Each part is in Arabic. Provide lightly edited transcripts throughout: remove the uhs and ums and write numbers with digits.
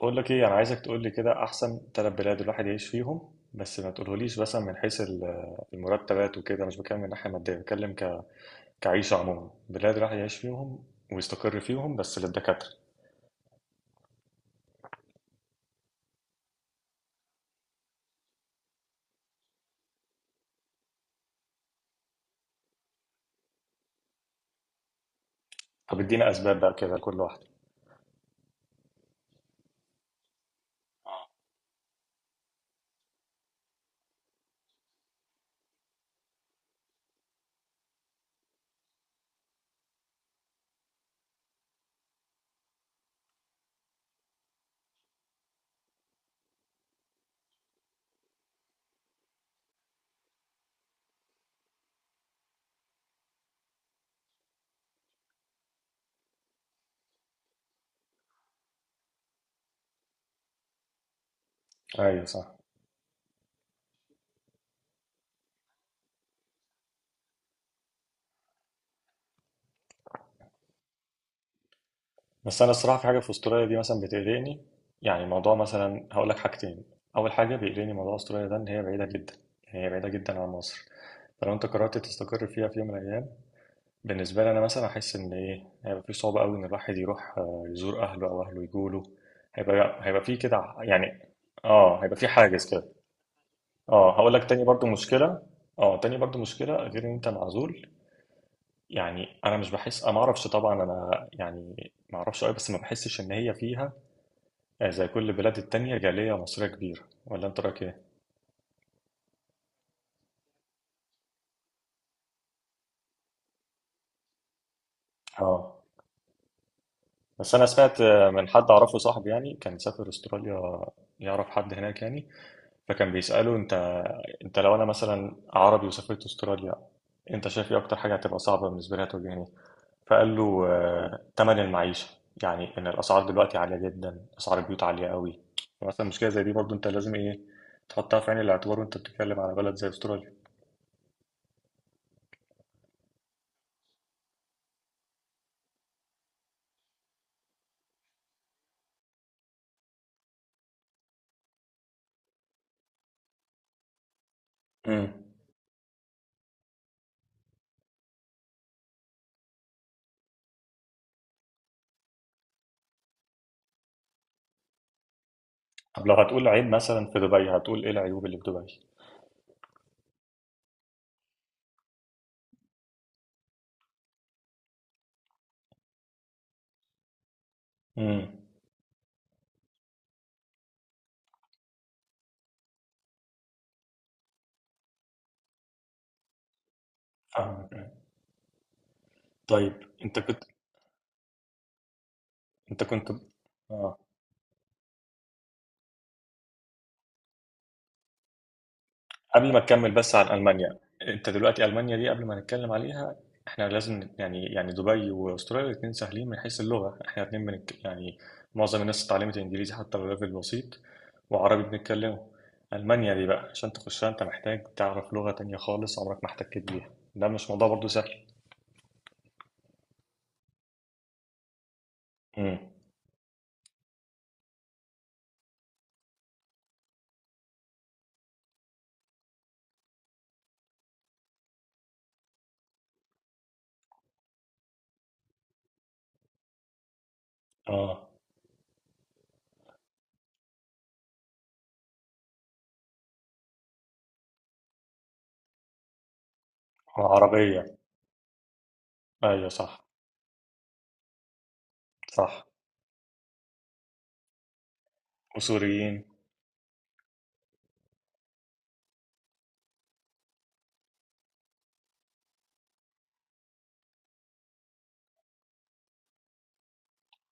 بقول لك ايه، انا عايزك تقول لي كده احسن ثلاث بلاد الواحد يعيش فيهم. بس ما تقولهوليش مثلا من حيث المرتبات وكده. مش بتكلم من ناحيه ماديه، بتكلم كعيشه عموما، بلاد الواحد يعيش فيهم ويستقر فيهم، بس للدكاتره. طب ادينا اسباب بقى كده لكل واحده. ايوه، صح. بس انا الصراحه في حاجه في استراليا دي مثلا بتقلقني، يعني موضوع. مثلا هقول لك حاجتين. اول حاجه بيقلقني موضوع استراليا ده ان هي بعيده جدا، يعني هي بعيده جدا عن مصر. فلو انت قررت تستقر فيها في يوم من الايام، بالنسبة لي أنا مثلا أحس إن إيه هيبقى في صعوبة أوي إن الواحد يروح، يزور أهله أو أهله يجوله. هيبقى في كده يعني. آه، هيبقى في حاجز كده. آه، هقول لك تاني برضو مشكلة. آه، تاني برضو مشكلة غير إن أنت معزول. يعني أنا مش بحس، أنا معرفش طبعا، أنا يعني معرفش أوي، بس ما بحسش إن هي فيها، زي كل البلاد التانية جالية مصرية كبيرة، ولا أنت رأيك إيه؟ آه. بس أنا سمعت من حد أعرفه صاحبي يعني، كان سافر أستراليا، يعرف حد هناك يعني. فكان بيسأله: انت لو انا مثلا عربي وسافرت استراليا، انت شايف ايه اكتر حاجة هتبقى صعبة بالنسبة لي هتواجهني؟ فقال له: تمن المعيشة. يعني ان الاسعار دلوقتي عالية جدا، اسعار البيوت عالية قوي. مثلا مشكلة زي دي برضو انت لازم ايه تحطها في عين الاعتبار وانت بتتكلم على بلد زي استراليا. امم طب لو هتقول عيب مثلا في دبي هتقول ايه العيوب اللي في دبي؟ امم فاهمك. طيب انت كنت، انت كنت اه، قبل ما تكمل بس عن ألمانيا، انت دلوقتي ألمانيا دي قبل ما نتكلم عليها، احنا لازم يعني دبي واستراليا الاتنين سهلين من حيث اللغة. احنا الاتنين بنك يعني، معظم الناس اتعلمت انجليزي حتى لو ليفل بسيط، وعربي بنتكلمه. ألمانيا دي بقى عشان تخشها انت محتاج تعرف لغة تانية خالص عمرك ما احتكيت بيها. ده مش موضوع برضو سهل. امم اه. عربية. ايوه، صح. صح. وسوريين.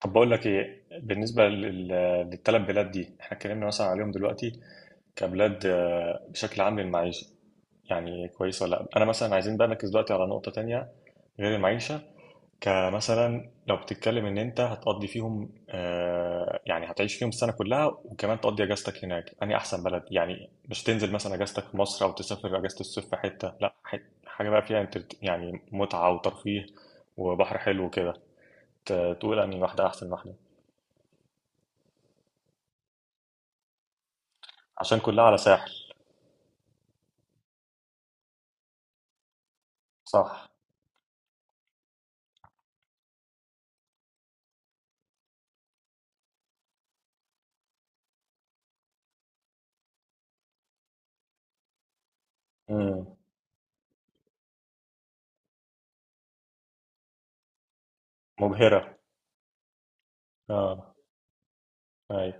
طب بقول لك ايه، بالنسبة للتلات بلاد دي احنا اتكلمنا مثلا عليهم دلوقتي كبلاد، بشكل عام للمعيشة، يعني كويسة ولا لأ؟ أنا مثلا عايزين بقى نركز دلوقتي على نقطة تانية غير المعيشة. كمثلا لو بتتكلم إن أنت هتقضي فيهم، يعني هتعيش فيهم السنة كلها وكمان تقضي أجازتك هناك، أنهي أحسن بلد؟ يعني مش تنزل مثلا أجازتك في مصر أو تسافر أجازة الصيف في حتة، لأ، حاجة بقى فيها يعني متعة وترفيه وبحر حلو كده. تقول أنهي واحدة أحسن واحدة. عشان كلها على ساحل. صح. مم. مبهرة. اه. أي.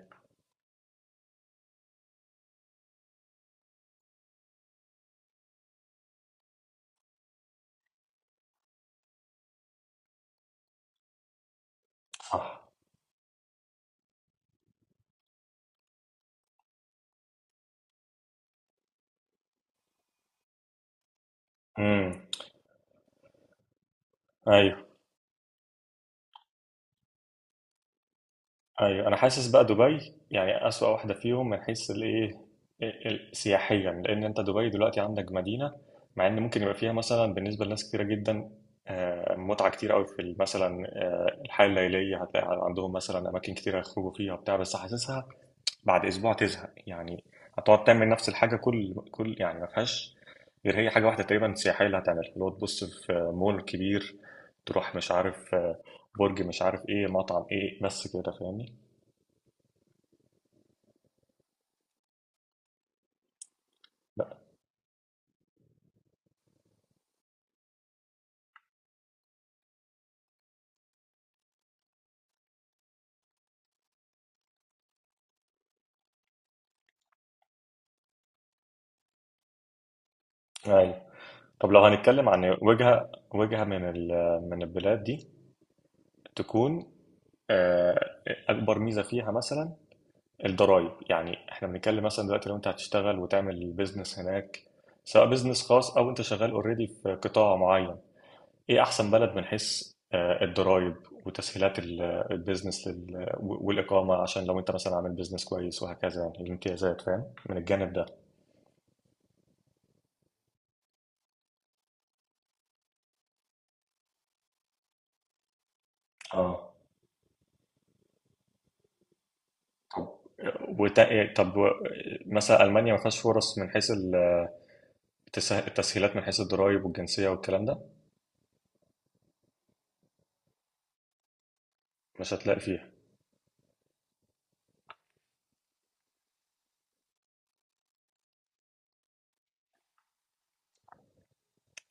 صح. امم ايوه. ايوه، انا حاسس بقى دبي يعني اسوأ واحده فيهم من حيث الايه، سياحيا. لان انت دبي دلوقتي عندك مدينه، مع ان ممكن يبقى فيها مثلا بالنسبه لناس كتيره جدا متعه كتير قوي في مثلا الحياه الليليه، هتلاقي عندهم مثلا اماكن كتيره يخرجوا فيها وبتاع، بس حاسسها بعد اسبوع تزهق يعني. هتقعد تعمل نفس الحاجه كل يعني. ما فيهاش غير هي حاجه واحده تقريبا سياحيه اللي هتعملها، اللي هو تبص في مول كبير، تروح مش عارف برج مش عارف ايه، مطعم ايه، بس كده، فاهمني؟ ايوه. طب لو هنتكلم عن وجهة من من البلاد دي، تكون آه، اكبر ميزة فيها مثلا الضرايب. يعني احنا بنتكلم مثلا دلوقتي لو انت هتشتغل وتعمل بيزنس هناك، سواء بيزنس خاص او انت شغال اوريدي في قطاع معين، ايه احسن بلد من حيث الضرايب وتسهيلات البيزنس والاقامه؟ عشان لو انت مثلا عامل بيزنس كويس وهكذا يعني الامتيازات، فاهم من الجانب ده؟ اه. طب طب مثلا المانيا ما فيهاش فرص من حيث التسهيلات من حيث الضرايب والجنسيه والكلام ده؟ مش هتلاقي فيها؟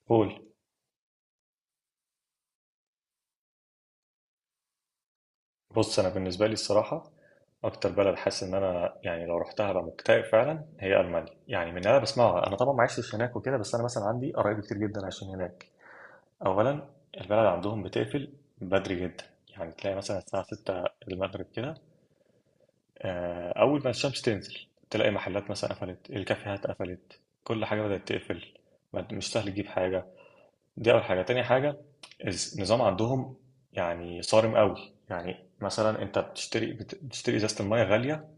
قول. بص انا بالنسبه لي الصراحه، اكتر بلد حاسس ان انا يعني لو رحتها هبقى مكتئب فعلا هي المانيا، يعني من اللي انا بسمعها. انا طبعا ما عشتش هناك وكده، بس انا مثلا عندي قرايب كتير جدا عايشين هناك. أولا البلد عندهم بتقفل بدري جدا. يعني تلاقي مثلا الساعة 6 المغرب كده، أول ما الشمس تنزل، تلاقي محلات مثلا قفلت، الكافيهات قفلت، كل حاجة بدأت تقفل. مش سهل تجيب حاجة. دي أول حاجة. تاني حاجة النظام عندهم يعني صارم قوي. يعني مثلا انت بتشتري ازازه الميه غاليه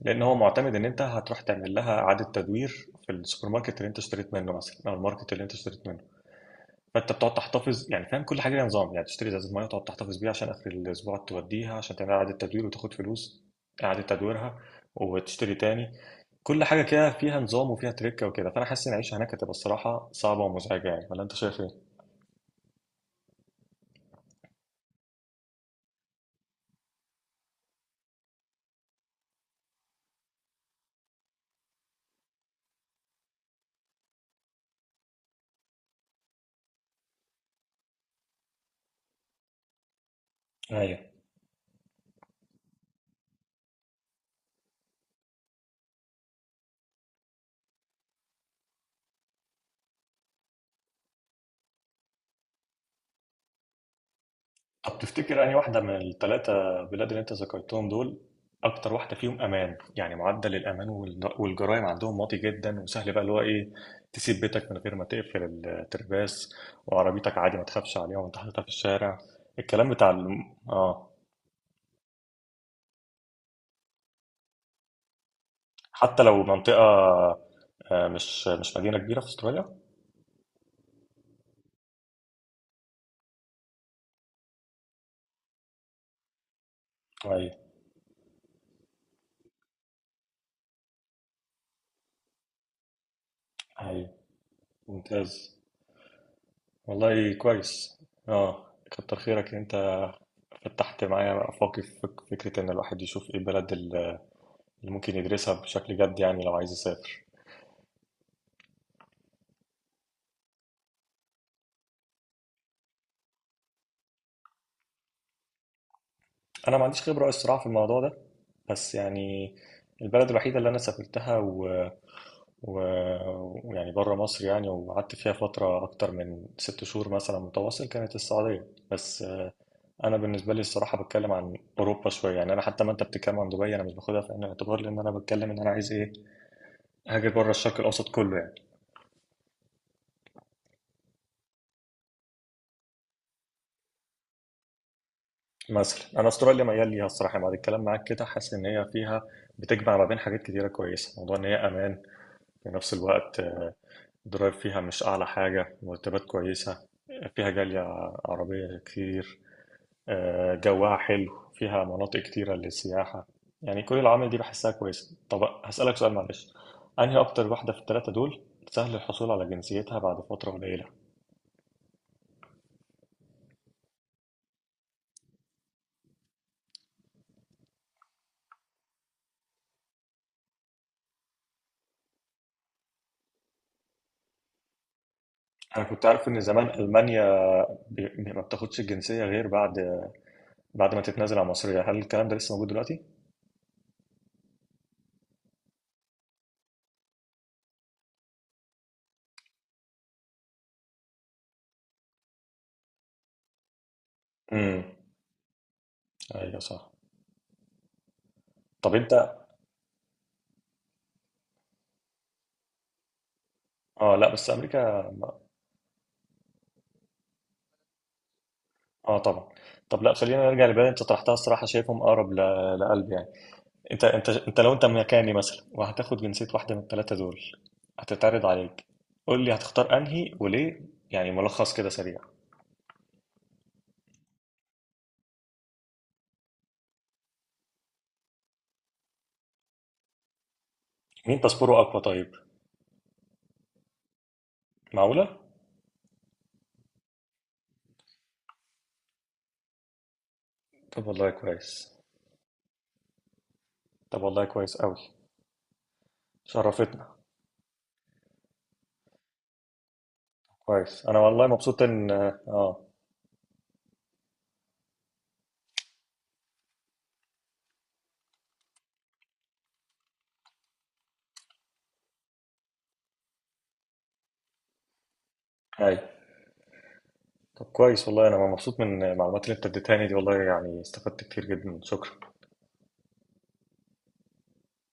لان هو معتمد ان انت هتروح تعمل لها اعاده تدوير في السوبر ماركت اللي انت اشتريت منه مثلا، او الماركت اللي انت اشتريت منه. فانت بتقعد تحتفظ يعني، فاهم؟ كل حاجه ليها نظام. يعني تشتري ازازه ميه وتقعد تحتفظ بيها عشان اخر الاسبوع توديها عشان تعمل اعاده تدوير وتاخد فلوس اعاده تدويرها، وتشتري تاني. كل حاجه كده فيها نظام وفيها تريكه وكده، فانا حاسس ان العيشه هناك هتبقى الصراحه صعبه ومزعجه يعني، ولا انت شايف ايه؟ ايوه. طب تفتكر أنهي واحدة من الثلاثة بلاد اللي أنت ذكرتهم دول أكتر واحدة فيهم أمان؟ يعني معدل الأمان والجرائم عندهم واطي جدا، وسهل بقى اللي هو إيه، تسيب بيتك من غير ما تقفل الترباس، وعربيتك عادي ما تخافش عليها وأنت حاططها في الشارع، الكلام بتاع آه. حتى لو منطقة مش مدينة كبيرة في أستراليا؟ أيوه. أيوه، ممتاز، والله كويس. آه. كتر خيرك إن أنت فتحت معايا آفاقي في فكرة إن الواحد يشوف إيه بلد اللي ممكن يدرسها بشكل جد يعني لو عايز يسافر. انا ما عنديش خبرة الصراحة في الموضوع ده. بس يعني البلد الوحيدة اللي انا سافرتها و... ويعني بره مصر يعني، وقعدت فيها فترة اكتر من 6 شهور مثلا متواصل، كانت السعودية بس. انا بالنسبة لي الصراحة بتكلم عن اوروبا شوية يعني. انا حتى ما انت بتتكلم عن دبي انا مش باخدها في عين الاعتبار، لان انا بتكلم ان انا عايز ايه، هاجر بره الشرق الاوسط كله يعني. مثلا انا استراليا ميال ليها الصراحة، يعني بعد الكلام معاك كده حاسس ان هي فيها، بتجمع ما بين حاجات كتيرة كويسة، موضوع ان هي امان، في نفس الوقت الضرايب فيها مش أعلى حاجة، مرتبات كويسة، فيها جالية عربية كتير، جواها حلو، فيها مناطق كتيرة للسياحة، يعني كل العوامل دي بحسها كويسة. طب هسألك سؤال معلش: أنهي أكتر واحدة في التلاتة دول سهل الحصول على جنسيتها بعد فترة قليلة؟ أنا كنت عارف إن زمان ألمانيا ما بتاخدش الجنسية غير بعد ما تتنازل عن مصرية. هل الكلام ده لسه موجود دلوقتي؟ امم أيوه، صح. طب أنت، آه لا، بس أمريكا. اه طبعا. طب لا، خلينا نرجع لبلد انت طرحتها الصراحه، شايفهم اقرب لقلبي يعني. انت لو انت مكاني مثلا وهتاخد جنسيه واحده من الثلاثه دول هتتعرض عليك، قول لي هتختار انهي وليه، يعني ملخص كده سريع. مين تصبره اقوى طيب؟ معقوله. طب والله كويس. طب والله كويس قوي. شرفتنا. كويس، انا والله مبسوط ان اه. هاي. طب كويس، والله انا مبسوط من المعلومات اللي انت اديتها لي دي والله، يعني استفدت كتير جدا، شكرا.